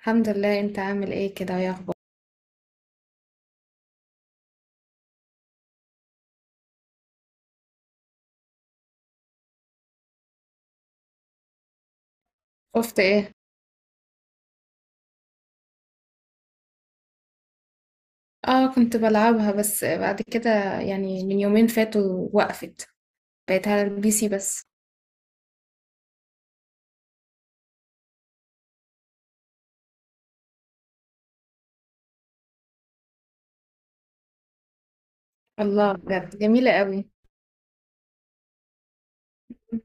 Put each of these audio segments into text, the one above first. الحمد لله، انت عامل ايه كده يا اخبار؟ شفت ايه؟ اه، كنت بلعبها بس بعد كده يعني من يومين فاتوا وقفت. بقيت على البي سي بس. الله، بجد جميلة قوي.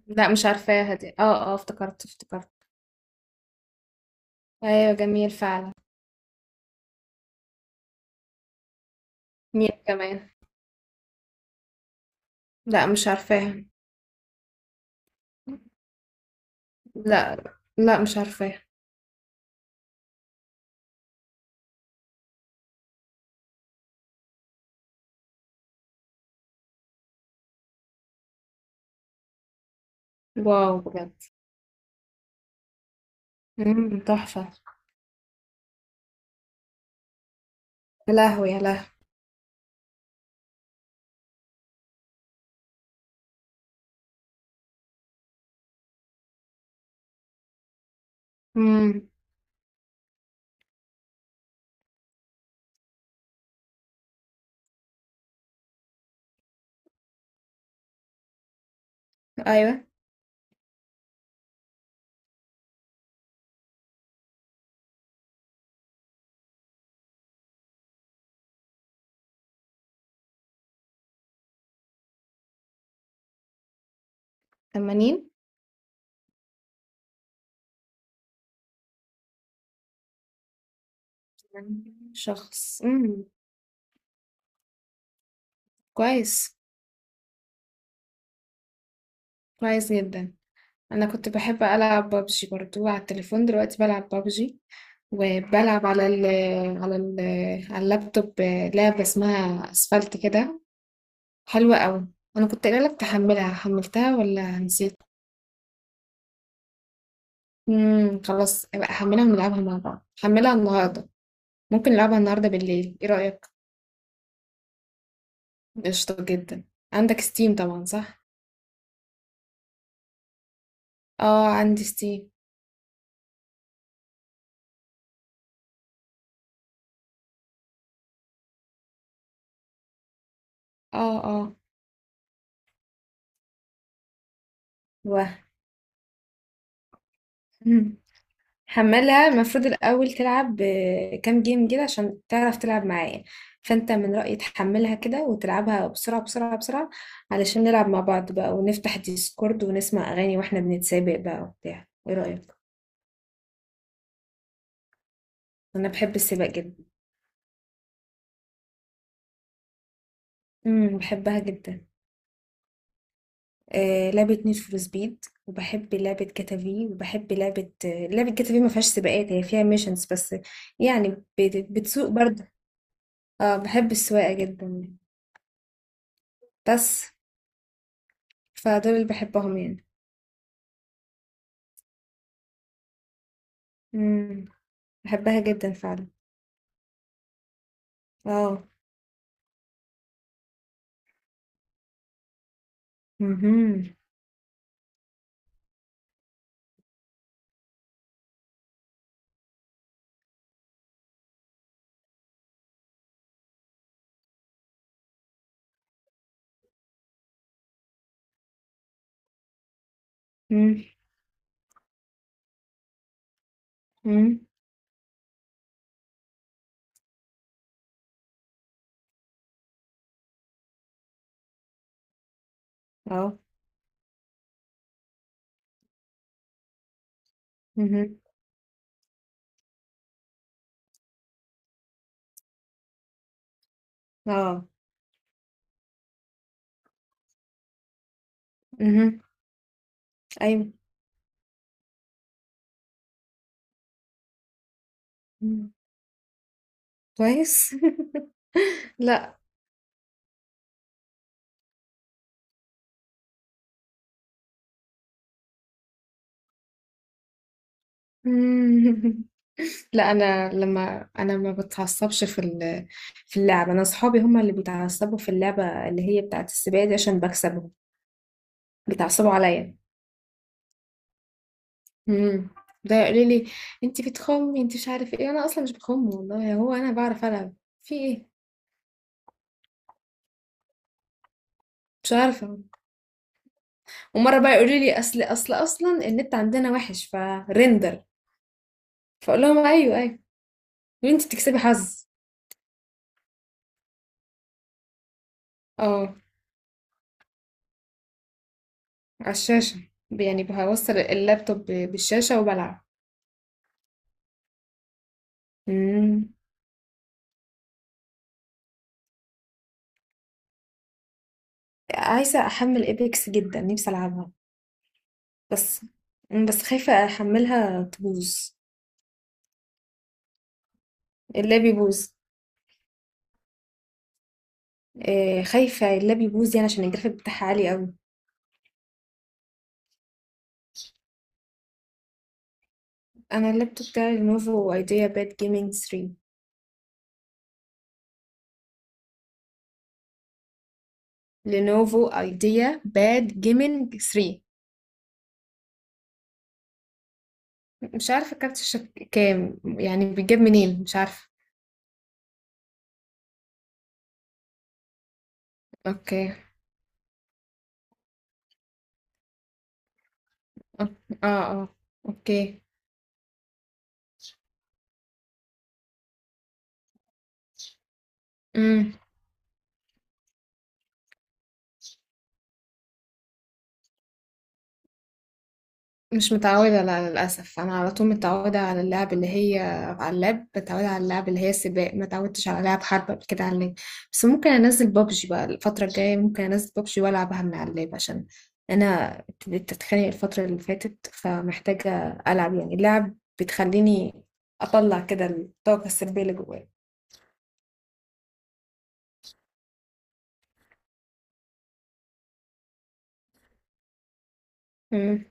لا، مش عارفاها دي. اه اه، افتكرت افتكرت. ايوه، جميل فعلا. مين كمان؟ لا، مش عارفاها. لا. لا، مش عارفاها. واو، بجد. تحفة. يا لهوي يا لهوي. امم. ايوه، 80 شخص. امم. كويس. كويس جدا. انا كنت بحب العب بابجي برضو على التليفون، دلوقتي بلعب بابجي. وبلعب على ال على اللابتوب لعبة اسمها اسفلت كده. حلوة قوي. انا كنت قايله لك تحملها، حملتها ولا نسيت؟ خلاص، ابقى احملها ونلعبها مع بعض. حملها النهارده. ممكن نلعبها النهارده بالليل، ايه رأيك؟ قشطة جدا. عندك ستيم طبعا، صح؟ اه، عندي ستيم. اه اه واه. حملها، المفروض الأول تلعب كام جيم كده عشان تعرف تلعب معايا. فأنت من رأيي تحملها كده وتلعبها بسرعة بسرعة بسرعة. علشان نلعب مع بعض بقى ونفتح ديسكورد ونسمع أغاني وإحنا بنتسابق بقى وبتاع، إيه رأيك؟ أنا بحب السباق جدا. بحبها جدا. لعبة نيد فور سبيد وبحب لعبة جاتا. وبحب لعبة جاتا ما فيهاش سباقات، هي فيها ميشنز بس. يعني. بتسوق برضه. اه، بحب السواقة جدا. بس. فدول اللي بحبهم يعني. إمم، باحبها جدًا فعلًا. آه. اهم. إمم. إمم. آه. اهم. آه. اهم. أيوه. إمم. كويس. لأ. إمم. لأ، أنا ما باتعصبش في في اللعبة. أنا أصحابي هم اللي بيتعصبوا في اللعبة اللي هي بتاعة السباق دي عشان باكسبهم. بيتعصبوا عليَّ. إمم. ده يقولوا لي: "أنتِ بتخمّي، أنتِ مش عارف إيه." أنا أصلًا مش باخُم والله، هو أنا باعرف ألعب. في إيه؟ مش عارفة. ومره بقى يقولوا لي اصلا النت عندنا وحش فريندر. فاقول لهم ايوه ايوه. يقولوا انت بتكسبي حظ. اه. على الشاشه. يعني بوصل اللابتوب بالشاشه وبلعب. امم. عايزه احمل ايبكس جدا، نفسي العبها. بس. بس خايفه احملها تبوظ. اللاب يبوظ. خايفه اللاب يبوظ يعني عشان الجرافيك بتاعها عالي قوي. انا اللابتوب بتاعي لينوفو ايديا باد جيمنج 3. لينوفو ايديا باد جيمنج 3. مش عارفة كارت الشبكة كام، يعني بيجيب منين، مش عارفة. اوكي. اه اه، اوكي. امم. مش متعودة، لا، للأسف، أنا على طول متعودة على اللعب اللي هي على اللاب، متعودة على اللعب اللي هي سباق. ما تعودتش على لعب حرب قبل كده على اللاب. بس ممكن أنزل بابجي بقى الفترة الجاية، ممكن أنزل بابجي وألعبها من على اللاب عشان أنا ابتديت أتخانق الفترة اللي فاتت، فمحتاجة ألعب يعني، اللعب بتخليني أطلع كده الطاقة السلبية اللي جوايا. امم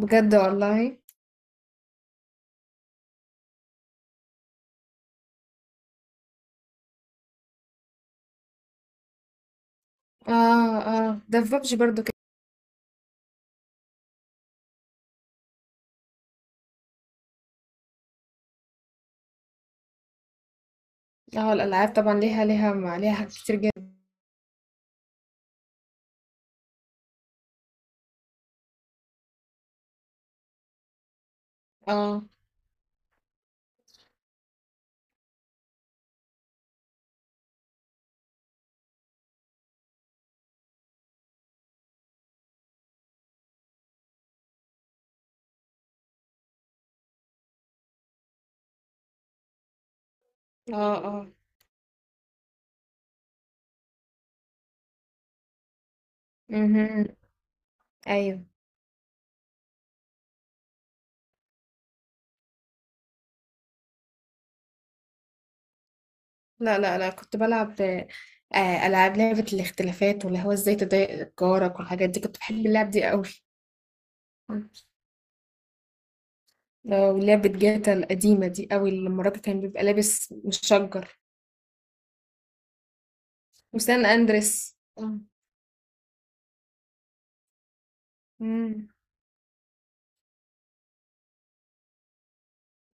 بجد والله. اه اه، ده في بابجي برضو كده. اه، الالعاب طبعا ليها حاجات كتير جدا. اه اه اه. امم. ايوه. لا لا لا، كنت بلعب لعبه الاختلافات واللي هو ازاي تضايق جارك والحاجات دي، كنت بحب اللعب دي قوي. ولعبه جاتا القديمه دي قوي لما الراجل كان بيبقى لابس مشجر. وسان اندريس، آه. امم.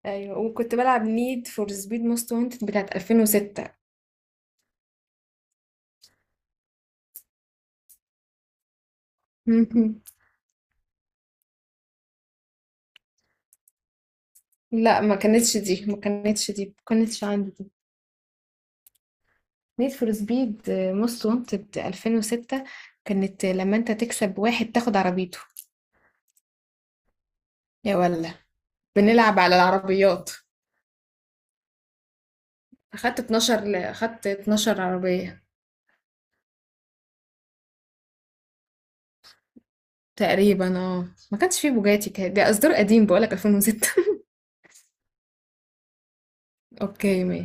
ايوه، وكنت بلعب نيد فور سبيد موست وانتد بتاعت 2006. لا، ما كانتش دي، ما كانتش دي، ما كانتش عندي دي. نيد فور سبيد موست وانتد 2006. كانت لما انت تكسب واحد تاخد عربيته. يا ولا! بنلعب على العربيات. اخدت 12 عربية. تقريبا، اه، ما كانش فيه بوجاتي كده، ده اصدار قديم بقولك 2006. اوكي ماشي.